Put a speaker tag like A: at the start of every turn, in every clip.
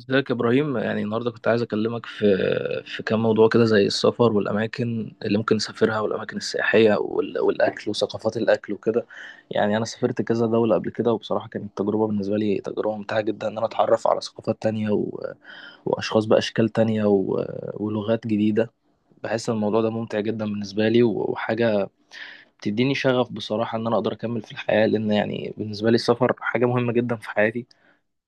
A: ازيك يا ابراهيم؟ يعني النهارده كنت عايز اكلمك في كام موضوع كده، زي السفر والاماكن اللي ممكن نسافرها، والاماكن السياحيه والاكل وثقافات الاكل وكده. يعني انا سافرت كذا دوله قبل كده، وبصراحه كانت التجربه بالنسبه لي تجربه ممتعه جدا، ان انا اتعرف على ثقافات تانية واشخاص باشكال تانية ولغات جديده. بحس ان الموضوع ده ممتع جدا بالنسبه لي وحاجه بتديني شغف بصراحه، ان انا اقدر اكمل في الحياه، لان يعني بالنسبه لي السفر حاجه مهمه جدا في حياتي،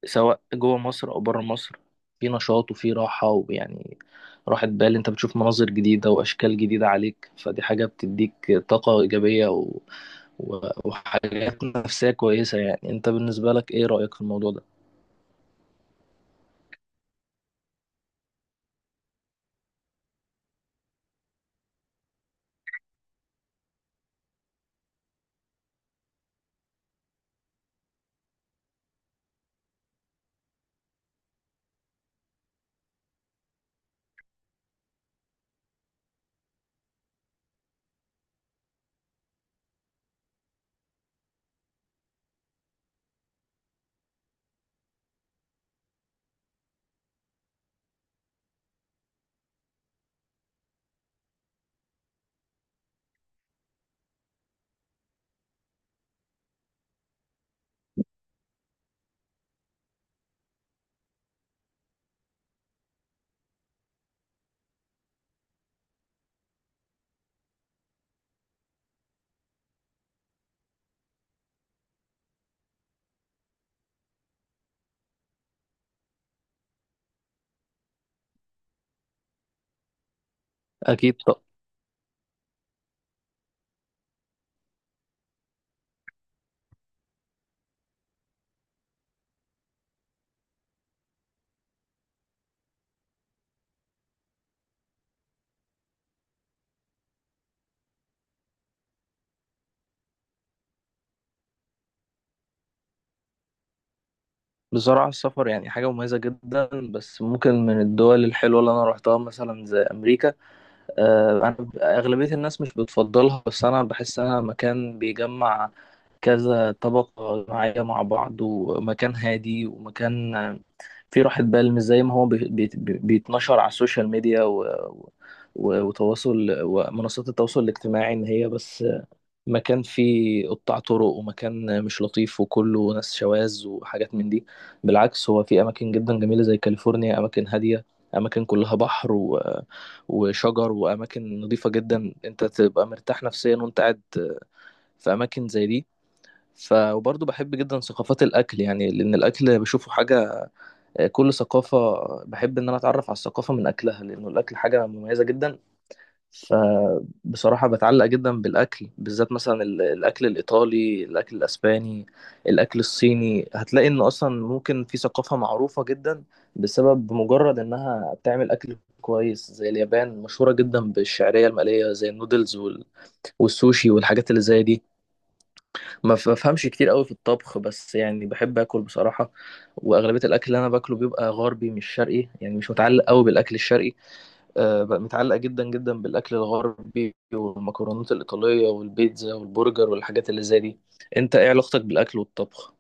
A: سواء جوه مصر او بره مصر. في نشاط وفي راحه، ويعني راحه بال، انت بتشوف مناظر جديده واشكال جديده عليك، فدي حاجه بتديك طاقه ايجابيه وحاجات نفسيه كويسه. يعني انت بالنسبه لك، ايه رايك في الموضوع ده؟ اكيد. طب. بصراحه السفر يعني حاجه مميزه جدا، بس ممكن من الدول الحلوه اللي انا روحتها مثلا زي امريكا. آه، انا اغلبيه الناس مش بتفضلها، بس انا بحس انها مكان بيجمع كذا طبقة جماعية مع بعض، ومكان هادي، ومكان فيه راحة بال، مش زي ما هو بيتنشر على السوشيال ميديا وتواصل ومنصات التواصل الاجتماعي، إن هي بس مكان فيه قطاع طرق ومكان مش لطيف وكله ناس شواذ وحاجات من دي. بالعكس، هو في أماكن جدا جميلة زي كاليفورنيا، أماكن هادية، أماكن كلها بحر وشجر، وأماكن نظيفة جدا، أنت تبقى مرتاح نفسيا وأنت قاعد في أماكن زي دي. وبرضه بحب جدا ثقافات الاكل، يعني لان الاكل بشوفه حاجه. آه، كل ثقافه بحب ان انا اتعرف على الثقافه من اكلها، لانه الاكل حاجه مميزه جدا. فبصراحه بتعلق جدا بالاكل، بالذات مثلا الاكل الايطالي، الاكل الاسباني، الاكل الصيني. هتلاقي ان اصلا ممكن في ثقافه معروفه جدا بسبب بمجرد انها بتعمل اكل كويس، زي اليابان مشهوره جدا بالشعريه المقليه زي النودلز والسوشي والحاجات اللي زي دي. ما بفهمش كتير قوي في الطبخ، بس يعني بحب اكل بصراحه. واغلبيه الاكل اللي انا باكله بيبقى غربي مش شرقي، يعني مش متعلق قوي بالاكل الشرقي. أه، بقى متعلق جدا جدا بالاكل الغربي، والمكرونات الايطاليه والبيتزا والبرجر والحاجات اللي زي دي. انت ايه علاقتك بالاكل والطبخ؟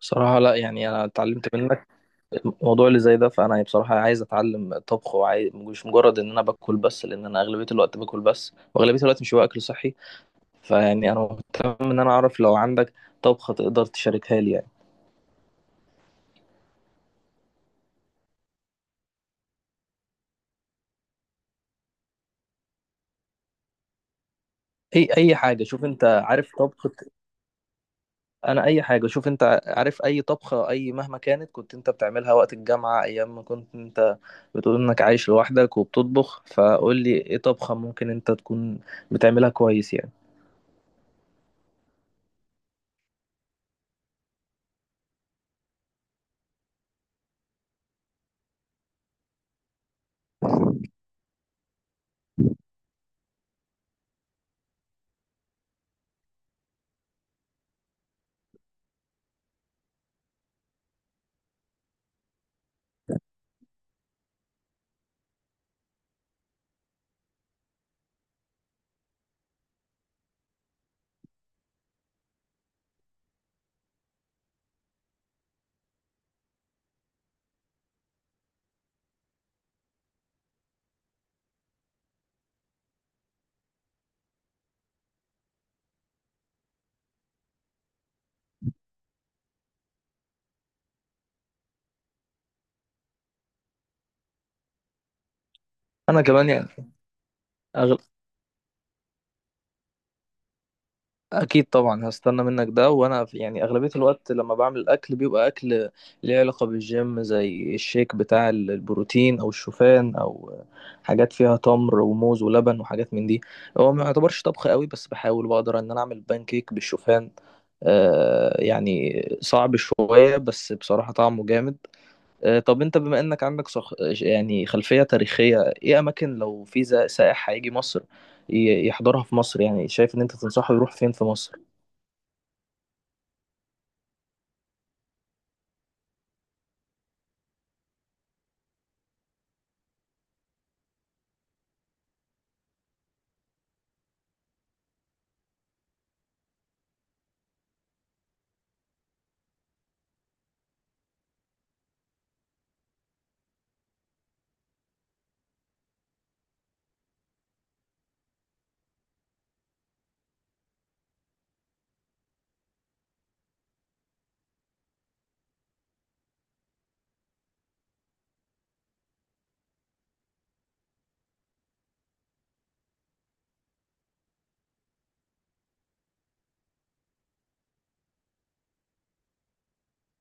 A: بصراحه لا، يعني انا اتعلمت منك الموضوع اللي زي ده. فانا يعني بصراحه عايز اتعلم طبخ، وعايز مش مجرد ان انا باكل بس، لان انا اغلبيه الوقت باكل بس، واغلبيه الوقت مش هو اكل صحي. فيعني انا مهتم ان انا اعرف، لو عندك طبخة تقدر تشاركها لي يعني. اي حاجة، شوف انت عارف طبخة. انا اي حاجة، شوف انت عارف اي طبخة، اي مهما كانت كنت انت بتعملها وقت الجامعة، ايام ما كنت انت بتقول انك عايش لوحدك وبتطبخ. فقول لي ايه طبخة ممكن انت تكون بتعملها كويس يعني. انا كمان يعني أغل... اكيد طبعا هستنى منك ده. وانا يعني اغلبيه الوقت لما بعمل الاكل بيبقى اكل ليه علاقه بالجيم، زي الشيك بتاع البروتين او الشوفان، او حاجات فيها تمر وموز ولبن وحاجات من دي. هو ما يعتبرش طبخ قوي، بس بحاول بقدر ان انا اعمل بانكيك بالشوفان. آه، يعني صعب شويه بس بصراحه طعمه جامد. آه، طب انت بما انك عندك يعني خلفيه تاريخيه، ايه اماكن لو في سائح هيجي مصر يحضرها في مصر، يعني شايف ان انت تنصحه يروح فين في مصر؟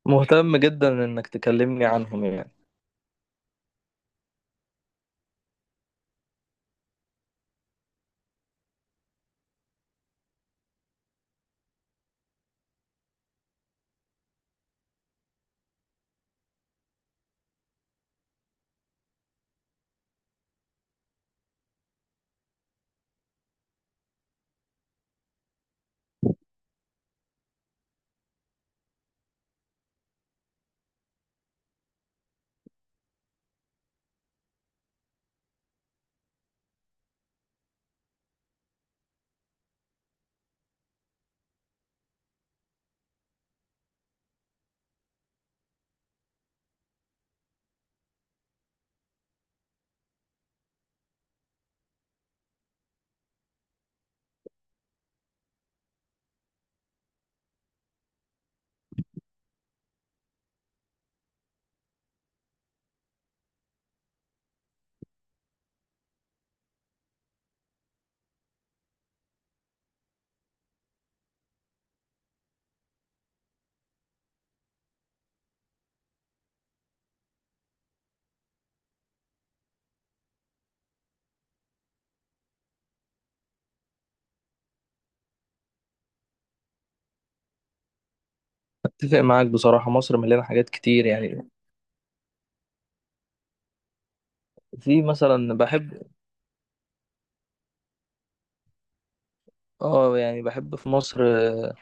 A: مهتم جدا انك تكلمني عنهم يعني. اتفق معاك، بصراحة مصر مليانة حاجات كتير يعني. في مثلا بحب، اه يعني بحب في مصر. آه،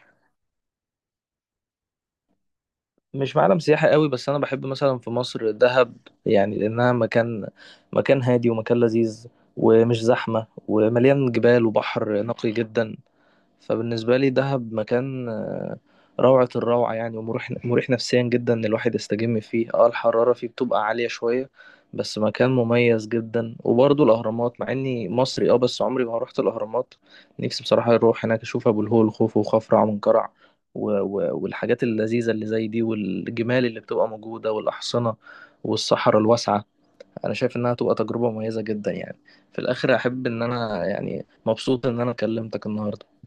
A: مش معلم سياحي قوي، بس انا بحب مثلا في مصر دهب، يعني لانها مكان، مكان هادي، ومكان لذيذ، ومش زحمة، ومليان جبال، وبحر نقي جدا. فبالنسبة لي دهب مكان، آه، روعة الروعة يعني، ومريح مريح نفسيا جدا، إن الواحد يستجم فيه. اه الحرارة فيه بتبقى عالية شوية، بس مكان مميز جدا. وبرضه الأهرامات، مع إني مصري بس عمري ما روحت الأهرامات. نفسي بصراحة أروح هناك أشوف أبو الهول، خوفو وخفرع منقرع والحاجات اللذيذة اللي زي دي، والجمال اللي بتبقى موجودة، والأحصنة، والصحراء الواسعة. أنا شايف إنها تبقى تجربة مميزة جدا يعني. في الآخر أحب إن أنا، يعني مبسوط إن أنا كلمتك النهاردة.